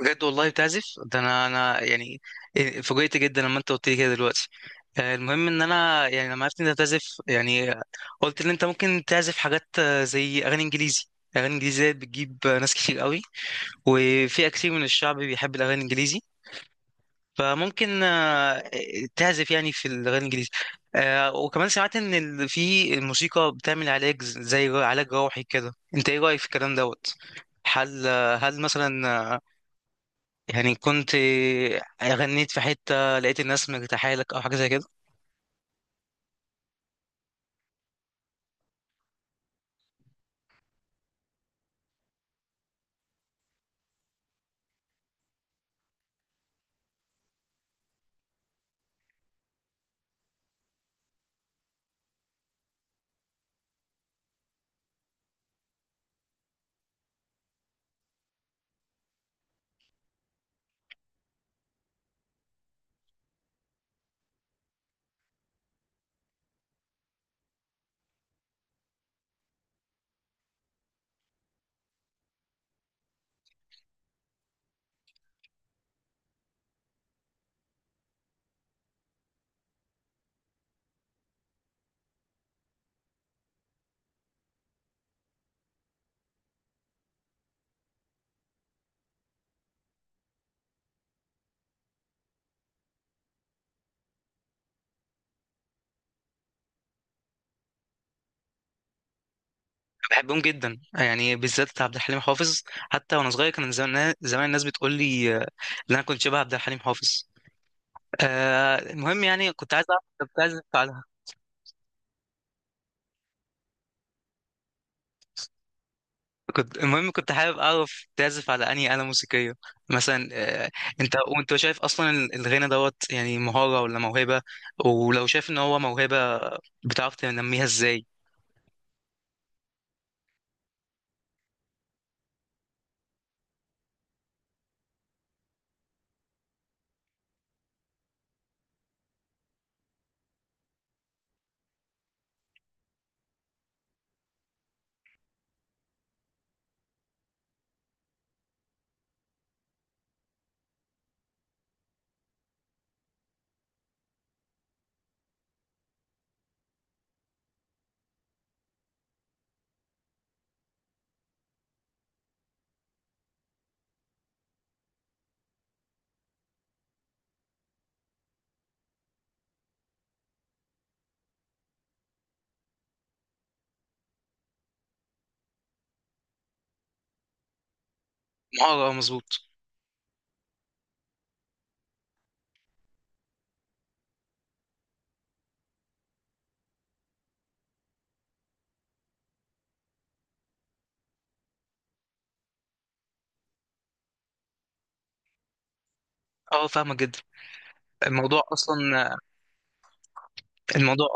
بجد والله بتعزف ده. انا يعني فوجئت جدا لما انت قلت لي كده دلوقتي. المهم ان انا يعني لما عرفت ان انت تعزف، يعني قلت ان انت ممكن تعزف حاجات زي اغاني انجليزي. اغاني انجليزي ديت بتجيب ناس كتير قوي، وفئة كتير من الشعب بيحب الاغاني الانجليزي، فممكن تعزف يعني في الاغاني الانجليزي. وكمان سمعت ان في الموسيقى بتعمل علاج زي علاج روحي كده. انت ايه رأيك في الكلام دوت؟ هل هل مثلا يعني كنت غنيت في حتة لقيت الناس مرتاحة لك أو حاجة زي كده؟ بحبهم جدا، يعني بالذات عبد الحليم حافظ. حتى وأنا صغير كان زمان زمان الناس بتقول لي إن أنا كنت شبه عبد الحليم حافظ. المهم يعني كنت عايز أعرف أنت بتعزف على. المهم كنت حابب أعرف تعزف على أنهي آلة موسيقية؟ مثلا وأنت شايف أصلا الغنى دوت يعني مهارة ولا موهبة؟ ولو شايف إن هو موهبة، بتعرف تنميها إزاي؟ مهارة، مظبوط. أه، فاهمة جدا. الموضوع اصلا الموضوع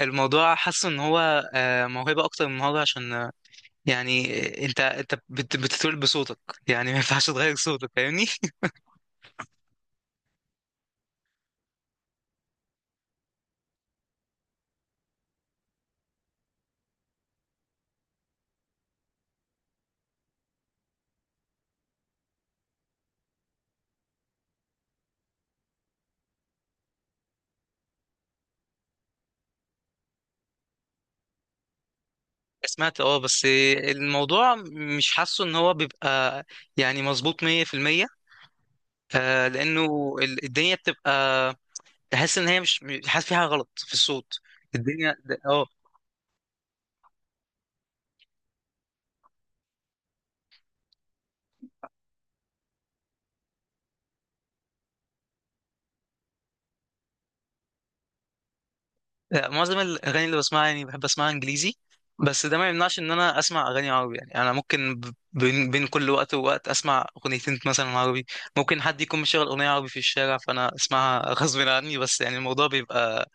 الموضوع حاسه ان هو موهبه، اكتر من موهبه، عشان يعني انت بتتولد بصوتك، يعني ما ينفعش تغير صوتك. فاهمني؟ سمعت، بس الموضوع مش حاسه ان هو بيبقى يعني مظبوط 100%. لانه الدنيا بتبقى، تحس ان هي مش حاسس فيها غلط في الصوت. الدنيا. اه لا، معظم الاغاني اللي بسمعها يعني بحب اسمعها انجليزي. بس ده ما يمنعش ان انا اسمع اغاني عربي، يعني انا ممكن بين كل وقت ووقت اسمع اغنيتين مثلا عربي. ممكن حد يكون مشغل اغنيه عربي في الشارع فانا اسمعها غصب عني، بس يعني الموضوع بيبقى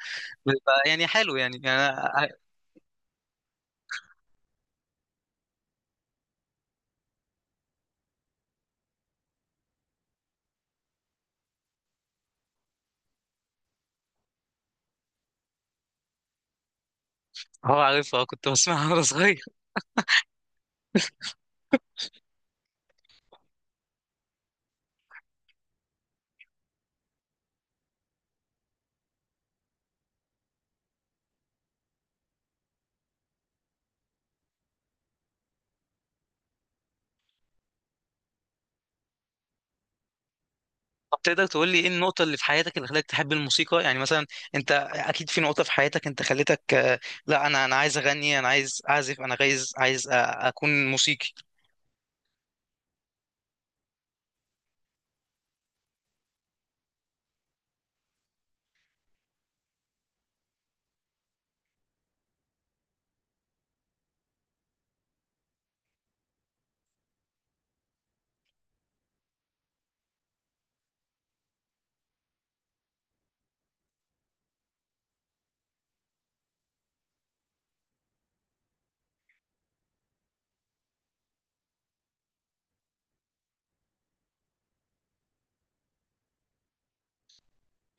بيبقى يعني حلو، يعني أنا هو عارفها. كنت بسمعها وانا صغير. طب تقدر تقول لي ايه النقطه اللي في حياتك اللي خلتك تحب الموسيقى؟ يعني مثلا، انت اكيد في نقطه في حياتك انت خلتك لا، انا عايز اغني، انا عايز اعزف، انا عايز اكون موسيقي.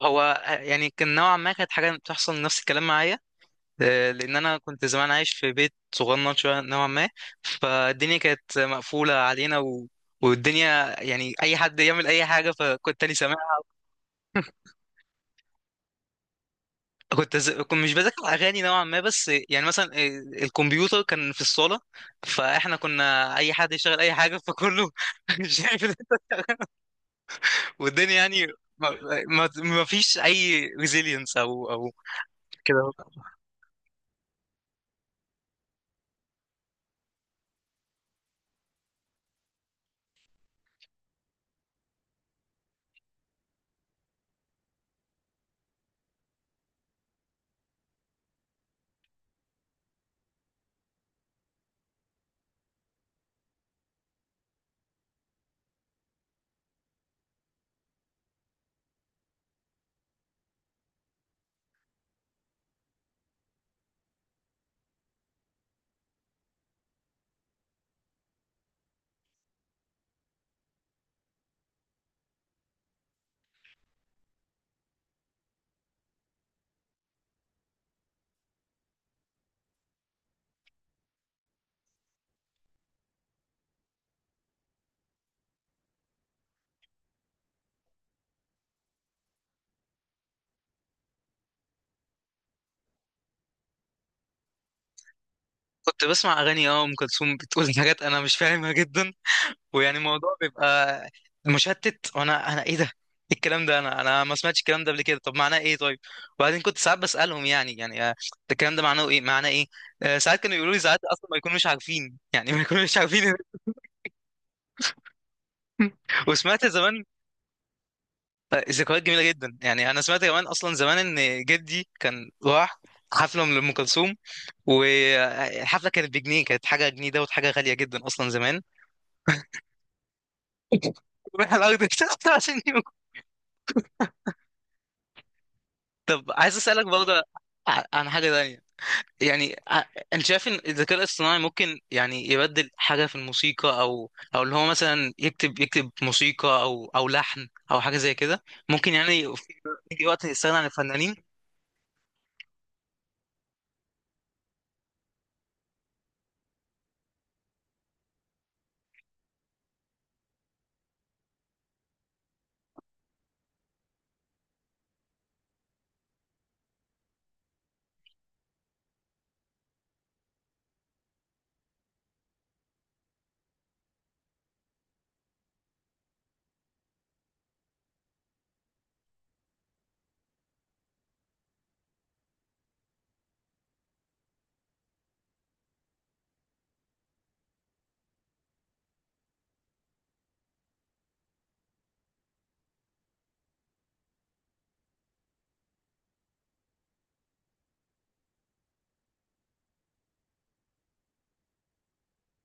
هو يعني كان نوعا ما كانت حاجة بتحصل نفس الكلام معايا. لأن أنا كنت زمان عايش في بيت صغنن شوية نوعا ما، فالدنيا كانت مقفولة علينا والدنيا يعني أي حد يعمل أي حاجة، فكنت أنا سامع. كنت مش بذاكر أغاني نوعا ما، بس يعني مثلا الكمبيوتر كان في الصالة، فإحنا كنا أي حد يشغل أي حاجة فكله. شايف ده. والدنيا يعني ما... ما فيش أي ريزيلينس أو كده. كنت بسمع اغاني ام كلثوم بتقول حاجات انا مش فاهمها جدا. ويعني الموضوع بيبقى مشتت، وانا ايه ده؟ إيه الكلام ده؟ انا ما سمعتش الكلام ده قبل كده. طب معناه ايه؟ طيب. وبعدين كنت ساعات بسالهم، يعني ده الكلام ده معناه ايه؟ معناه ايه؟ ساعات كانوا يقولوا لي، ساعات اصلا ما يكونوش عارفين يعني ما يكونوش عارفين. وسمعت زمان ذكريات جميله جدا. يعني انا سمعت كمان اصلا زمان ان جدي كان راح حفله لام كلثوم. والحفله كانت بجنيه، كانت حاجه. جنيه دوت حاجه غاليه جدا اصلا زمان. روح الارض بتاعته عشان يموت. طب عايز اسالك برضه عن حاجه تانية. يعني انت شايف ان الذكاء الاصطناعي ممكن يعني يبدل حاجه في الموسيقى، او اللي هو مثلا يكتب، موسيقى او لحن او حاجه زي كده؟ ممكن يعني يجي وقت يستغنى عن الفنانين؟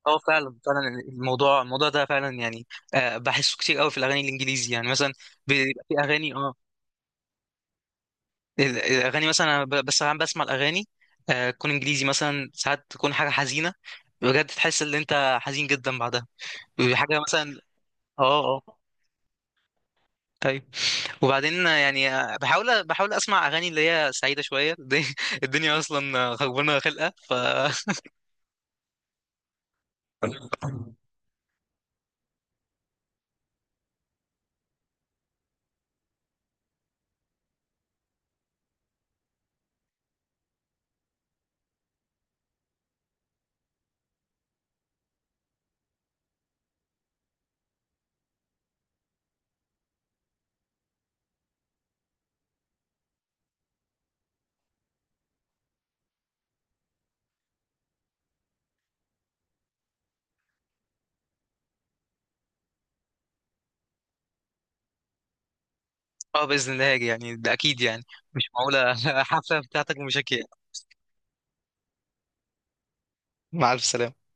اه، فعلا فعلا الموضوع ده فعلا يعني بحسه كتير قوي في الاغاني الانجليزي. يعني مثلا، بيبقى في اغاني الاغاني مثلا أنا بس انا بسمع الاغاني تكون انجليزي مثلا ساعات، تكون حاجه حزينه بجد، تحس ان انت حزين جدا بعدها. حاجه مثلا، اه اه. طيب. وبعدين يعني بحاول اسمع اغاني اللي هي سعيده شويه، الدنيا الدنيا اصلا خربانه خلقه اه، باذن الله هاجي يعني. ده اكيد يعني. مش معقوله حفله بتاعتك ومشاكل، يعني. مع الف سلامه.